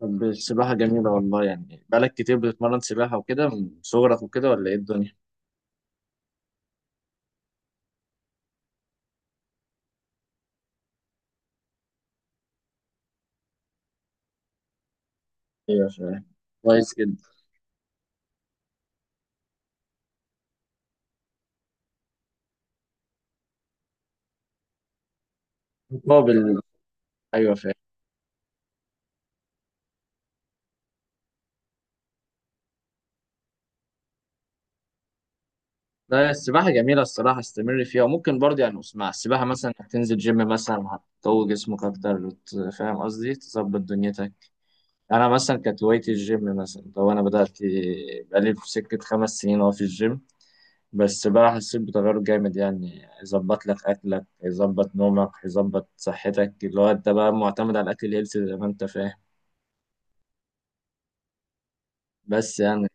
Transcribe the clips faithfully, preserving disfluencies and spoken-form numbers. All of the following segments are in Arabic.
طب السباحة جميلة والله، يعني بقالك كتير بتتمرن سباحة وكده من صغرك وكده ولا ايه الدنيا؟ ايوه فاهم. كويس جدا. مقابل. ايوه فاهم. لا، السباحة جميلة الصراحة، استمر فيها. وممكن برضه، يعني اسمع، السباحة مثلا هتنزل جيم مثلا هتقوي جسمك أكتر، وت- فاهم قصدي، تظبط دنيتك. أنا مثلا كانت هوايتي الجيم، مثلا لو أنا بدأت بقالي في سكة خمس سنين أهو في الجيم. بس بقى حسيت بتغير جامد، يعني يظبط لك اكلك، يظبط نومك، يظبط صحتك، اللي هو انت بقى معتمد على الاكل الهيلثي زي ما انت فاهم. بس يعني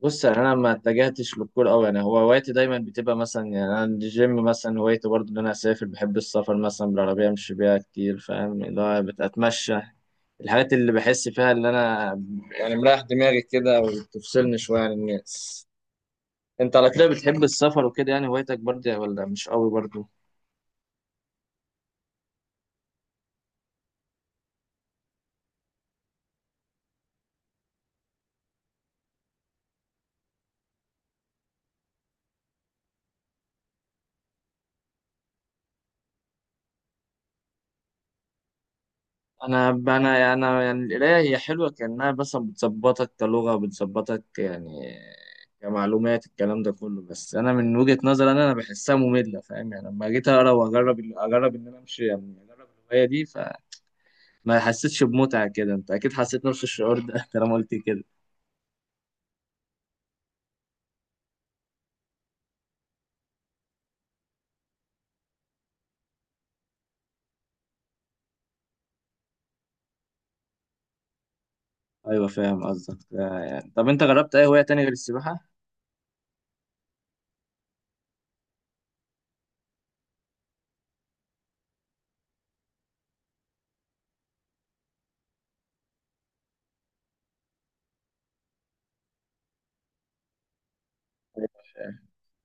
بص، يعني انا ما اتجهتش للكورة قوي، يعني هو هوايتي دايما بتبقى مثلا، يعني انا الجيم مثلا هوايتي، برضه ان انا اسافر، بحب السفر مثلا بالعربيه امشي بيها كتير، فاهم اللي هو بتمشى الحاجات اللي بحس فيها، اللي انا يعني مريح دماغي كده، وبتفصلني شويه عن الناس. انت على كده بتحب السفر وكده؟ يعني هوايتك برضه ولا مش قوي برضه؟ انا انا يعني، انا يعني القرايه هي حلوه كانها، بس بتظبطك كلغه، بتظبطك يعني كمعلومات، الكلام ده كله. بس انا من وجهه نظري انا انا بحسها ممله، فاهم؟ يعني لما جيت اقرا واجرب اجرب ان انا امشي، يعني اجرب الهوايه دي، فما حسيتش بمتعه كده. انت اكيد حسيت نفس الشعور ده طالما قلت كده. ايوه فاهم قصدك. آه، يعني طب انت جربت اي هوايه تانية غير السباحه؟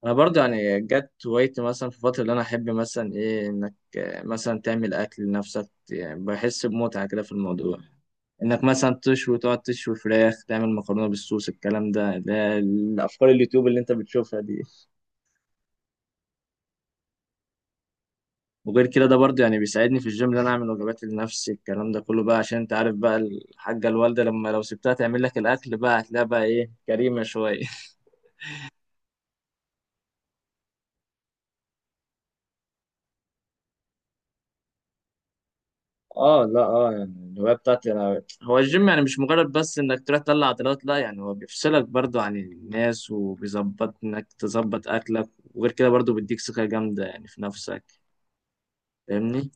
انا برضه يعني جت هوايتي مثلا في الفتره اللي انا احب مثلا ايه، انك آه، مثلا تعمل اكل لنفسك، يعني بحس بمتعه كده في الموضوع، انك مثلا تشوي، تقعد تشوي فراخ، تعمل مكرونه بالصوص، الكلام ده اللي هي الافكار اليوتيوب اللي انت بتشوفها دي. وغير كده ده برضه يعني بيساعدني في الجيم، اللي انا اعمل وجبات لنفسي، الكلام ده كله بقى عشان انت عارف بقى الحاجه، الوالده لما لو سبتها تعمل لك الاكل بقى هتلاقيها بقى ايه، كريمه شويه. اه لا اه، يعني الهوايه بتاعتي انا هو الجيم، يعني مش مجرد بس انك تروح تطلع عضلات، لا يعني هو بيفصلك برضو عن الناس، وبيظبط انك تظبط اكلك، وغير كده برضو بيديك ثقه جامده يعني في نفسك. فاهمني؟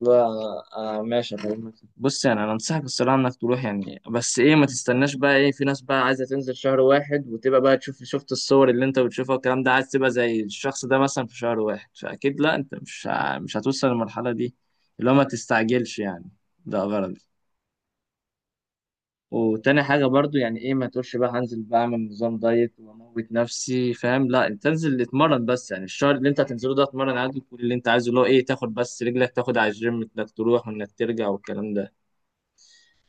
لا انا، أنا ماشي أكلمك، بص يعني انا انصحك الصراحه انك تروح، يعني بس ايه ما تستناش بقى. ايه، في ناس بقى عايزه تنزل شهر واحد وتبقى بقى تشوف، شفت الصور اللي انت بتشوفها والكلام ده، عايز تبقى زي الشخص ده مثلا في شهر واحد، فاكيد لا، انت مش ع- مش هتوصل للمرحله دي. اللي هو ما تستعجلش يعني، ده غلط. وتاني حاجة برضو يعني ايه، ما تقولش بقى هنزل بعمل نظام دايت واموت نفسي، فاهم؟ لا، انت انزل اتمرن بس، يعني الشهر اللي انت هتنزله ده اتمرن عادي، كل اللي انت عايزه اللي هو ايه، تاخد بس رجلك تاخد على الجيم، انك تروح وانك ترجع والكلام ده.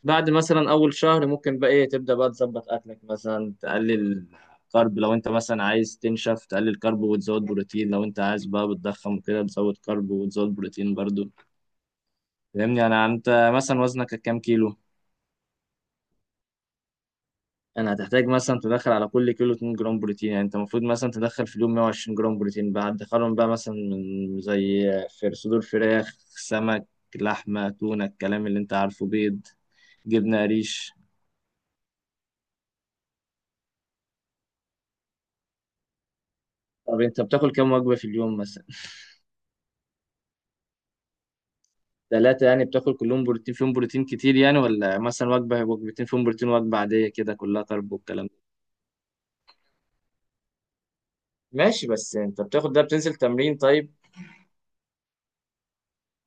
بعد مثلا اول شهر ممكن بقى ايه، تبدأ بقى تظبط اكلك، مثلا تقلل كارب لو انت مثلا عايز تنشف، تقلل كارب وتزود بروتين، لو انت عايز بقى بتضخم وكده بتزود كارب وتزود بروتين برضو. فاهمني؟ انا، انت مثلا وزنك كام كيلو؟ يعني هتحتاج مثلا تدخل على كل كيلو 2 جرام بروتين، يعني انت المفروض مثلا تدخل في اليوم مية وعشرين جرام بروتين بقى. هتدخلهم بقى مثلا من زي في صدور فراخ، سمك، لحمة، تونة، الكلام اللي انت عارفه، بيض، جبنة قريش. طب انت بتاكل كام وجبة في اليوم مثلا؟ ثلاثة، يعني بتاكل كلهم بروتين فيهم بروتين كتير، يعني ولا مثلا وجبة وجبتين فيهم بروتين وجبة عادية كده كلها كارب والكلام ده؟ ماشي، بس انت بتاخد ده بتنزل تمرين طيب؟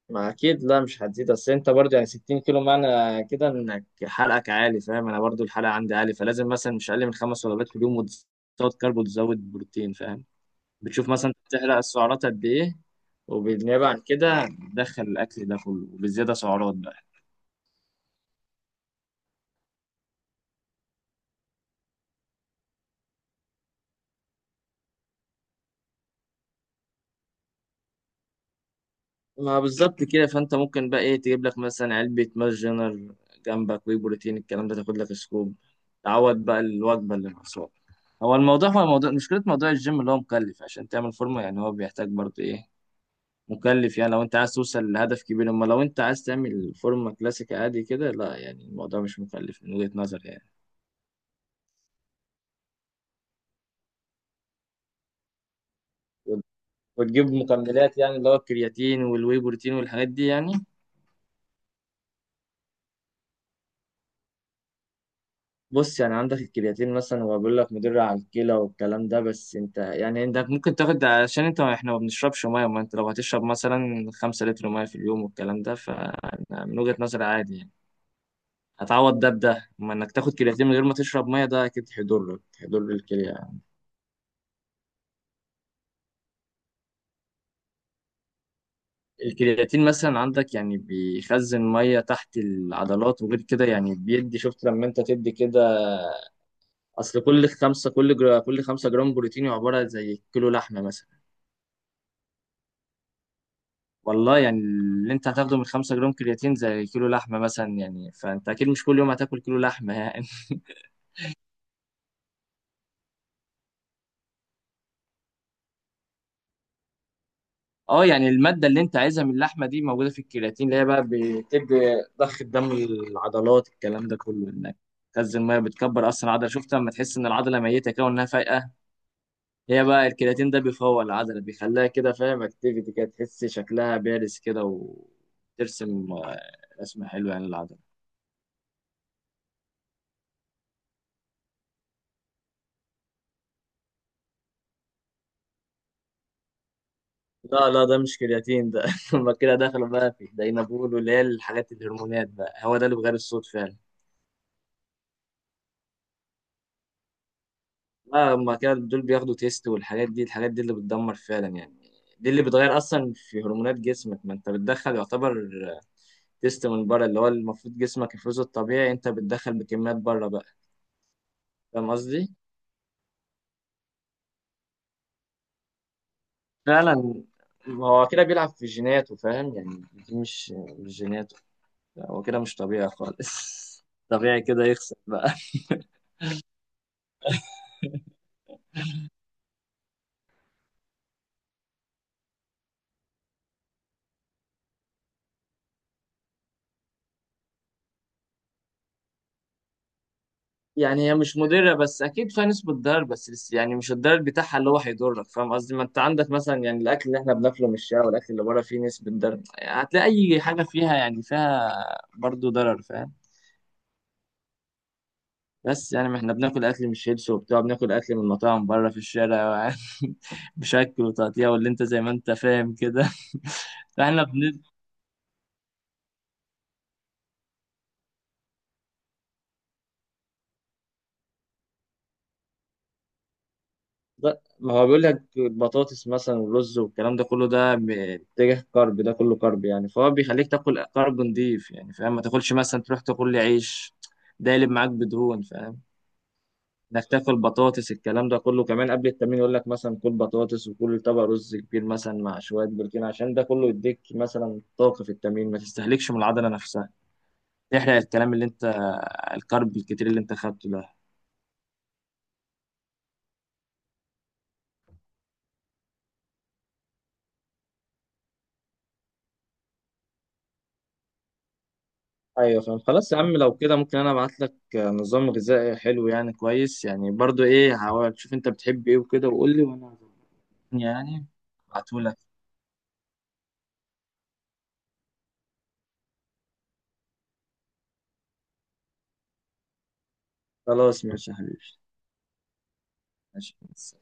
ما اكيد لا مش هتزيد، اصل انت برضو يعني ستين كيلو، معنى كده انك حرقك عالي، فاهم؟ انا برضو الحرق عندي عالي، فلازم مثلا مش اقل من خمس وجبات في اليوم وتزود كارب وتزود بروتين، فاهم؟ بتشوف مثلا تحرق السعرات قد ايه، وبالنيابه عن كده تدخل الاكل ده كله وبالزياده سعرات بقى. ما بالظبط كده، فانت ممكن بقى ايه، تجيب لك مثلا علبه ماس جنر جنبك، وي بروتين، الكلام ده، تاخد لك سكوب تعوض بقى الوجبه اللي ناقصاك. هو الموضوع هو الموضوع مشكله، موضوع الجيم اللي هو مكلف عشان تعمل فورمه، يعني هو بيحتاج برضو ايه، مكلف، يعني لو انت عايز توصل لهدف كبير. اما لو انت عايز تعمل فورمة كلاسيك عادي كده، لا يعني الموضوع مش مكلف من وجهة نظري يعني. وت- وتجيب مكملات، يعني اللي هو الكرياتين والواي بروتين والحاجات دي يعني. بص يعني، عندك الكرياتين مثلا هو بيقول لك مضر على الكلى والكلام ده. بس انت يعني انت ممكن تاخد، عشان انت احنا ما بنشربش ميه، ما انت لو هتشرب مثلا خمسة لتر ميه في اليوم والكلام ده، فمن وجهة نظري عادي يعني، هتعوض ده بده. اما انك تاخد كرياتين من غير ما تشرب ميه، ده اكيد هيضرك، هيضر الكلى. الكرياتين مثلا عندك يعني بيخزن ميه تحت العضلات، وغير كده يعني بيدي، شفت لما انت تدي كده، اصل كل خمسه، كل جرا كل خمسة جرام بروتين عباره زي كيلو لحمه مثلا. والله يعني اللي انت هتاخده من خمسة جرام كرياتين زي كيلو لحمه مثلا يعني، فانت اكيد مش كل يوم هتاكل كيلو لحمه يعني. اه يعني الماده اللي انت عايزها من اللحمه دي موجوده في الكرياتين، اللي هي بقى بتدي ضخ الدم للعضلات، الكلام ده كله انك تخزن ميه، بتكبر اصلا العضله. شفت لما تحس ان العضله ميته كده وانها فايقه؟ هي بقى الكرياتين ده بيفوق العضلة، بيخليها كده، فاهم اكتيفيتي كده، تحس شكلها بارز كده وترسم آه، رسمة حلوة يعني للعضلة. لا لا، ده مش كرياتين ده. هما كده دخلوا بقى في الدينابول، واللي هي الحاجات الهرمونات بقى، هو ده اللي بغير الصوت فعلا. لا، هما كده دول بياخدوا تيست والحاجات دي، الحاجات دي اللي بتدمر فعلا يعني، دي اللي بتغير اصلا في هرمونات جسمك. ما انت بتدخل يعتبر تيست من بره، اللي هو المفروض جسمك يفرزه الطبيعي، انت بتدخل بكميات بره بقى. فاهم قصدي؟ فعلا، هو كده بيلعب في جيناته فاهم يعني، دي مش مش جيناته. لا، هو كده مش طبيعي خالص. طبيعي كده يخسر بقى. يعني هي مش مضرة، بس أكيد فيها نسبة ضرر، بس لس- يعني مش الضرر بتاعها اللي هو هيضرك، فاهم قصدي؟ ما أنت عندك مثلا، يعني الأكل اللي إحنا بناكله من الشارع والأكل اللي بره فيه نسبة ضرر، يعني هتلاقي أي حاجة فيها يعني فيها برضه ضرر، فاهم؟ بس يعني ما احنا بناكل اكل من شيبس وبتاع، بناكل اكل من مطاعم بره في الشارع بشكل وتقطيع واللي انت زي ما انت فاهم كده. فاحنا بن... ما هو بيقول لك البطاطس مثلا والرز والكلام ده كله، ده ب- اتجاه كارب، ده كله كارب يعني، فهو بيخليك تاكل كارب نضيف يعني، فاهم؟ ما تاكلش مثلا تروح تاكل لي عيش، ده يقلب معاك بدهون، فاهم؟ نكتفي البطاطس. الكلام ده كله كمان قبل التمرين، يقول لك مثلا كل بطاطس وكل طبق رز كبير مثلا مع شويه بروتين، عشان ده كله يديك مثلا طاقه في التمرين، ما تستهلكش من العضله نفسها، تحرق الكلام اللي انت، الكارب الكتير اللي انت خدته ده. ايوه فاهم. خلاص يا عم، لو كده ممكن انا ابعت لك نظام غذائي حلو يعني كويس، يعني برضو ايه، هحاول شوف انت بتحب ايه وكده وقول لي، وانا يعني ابعته لك. خلاص ماشي يا حبيبي. ماشي.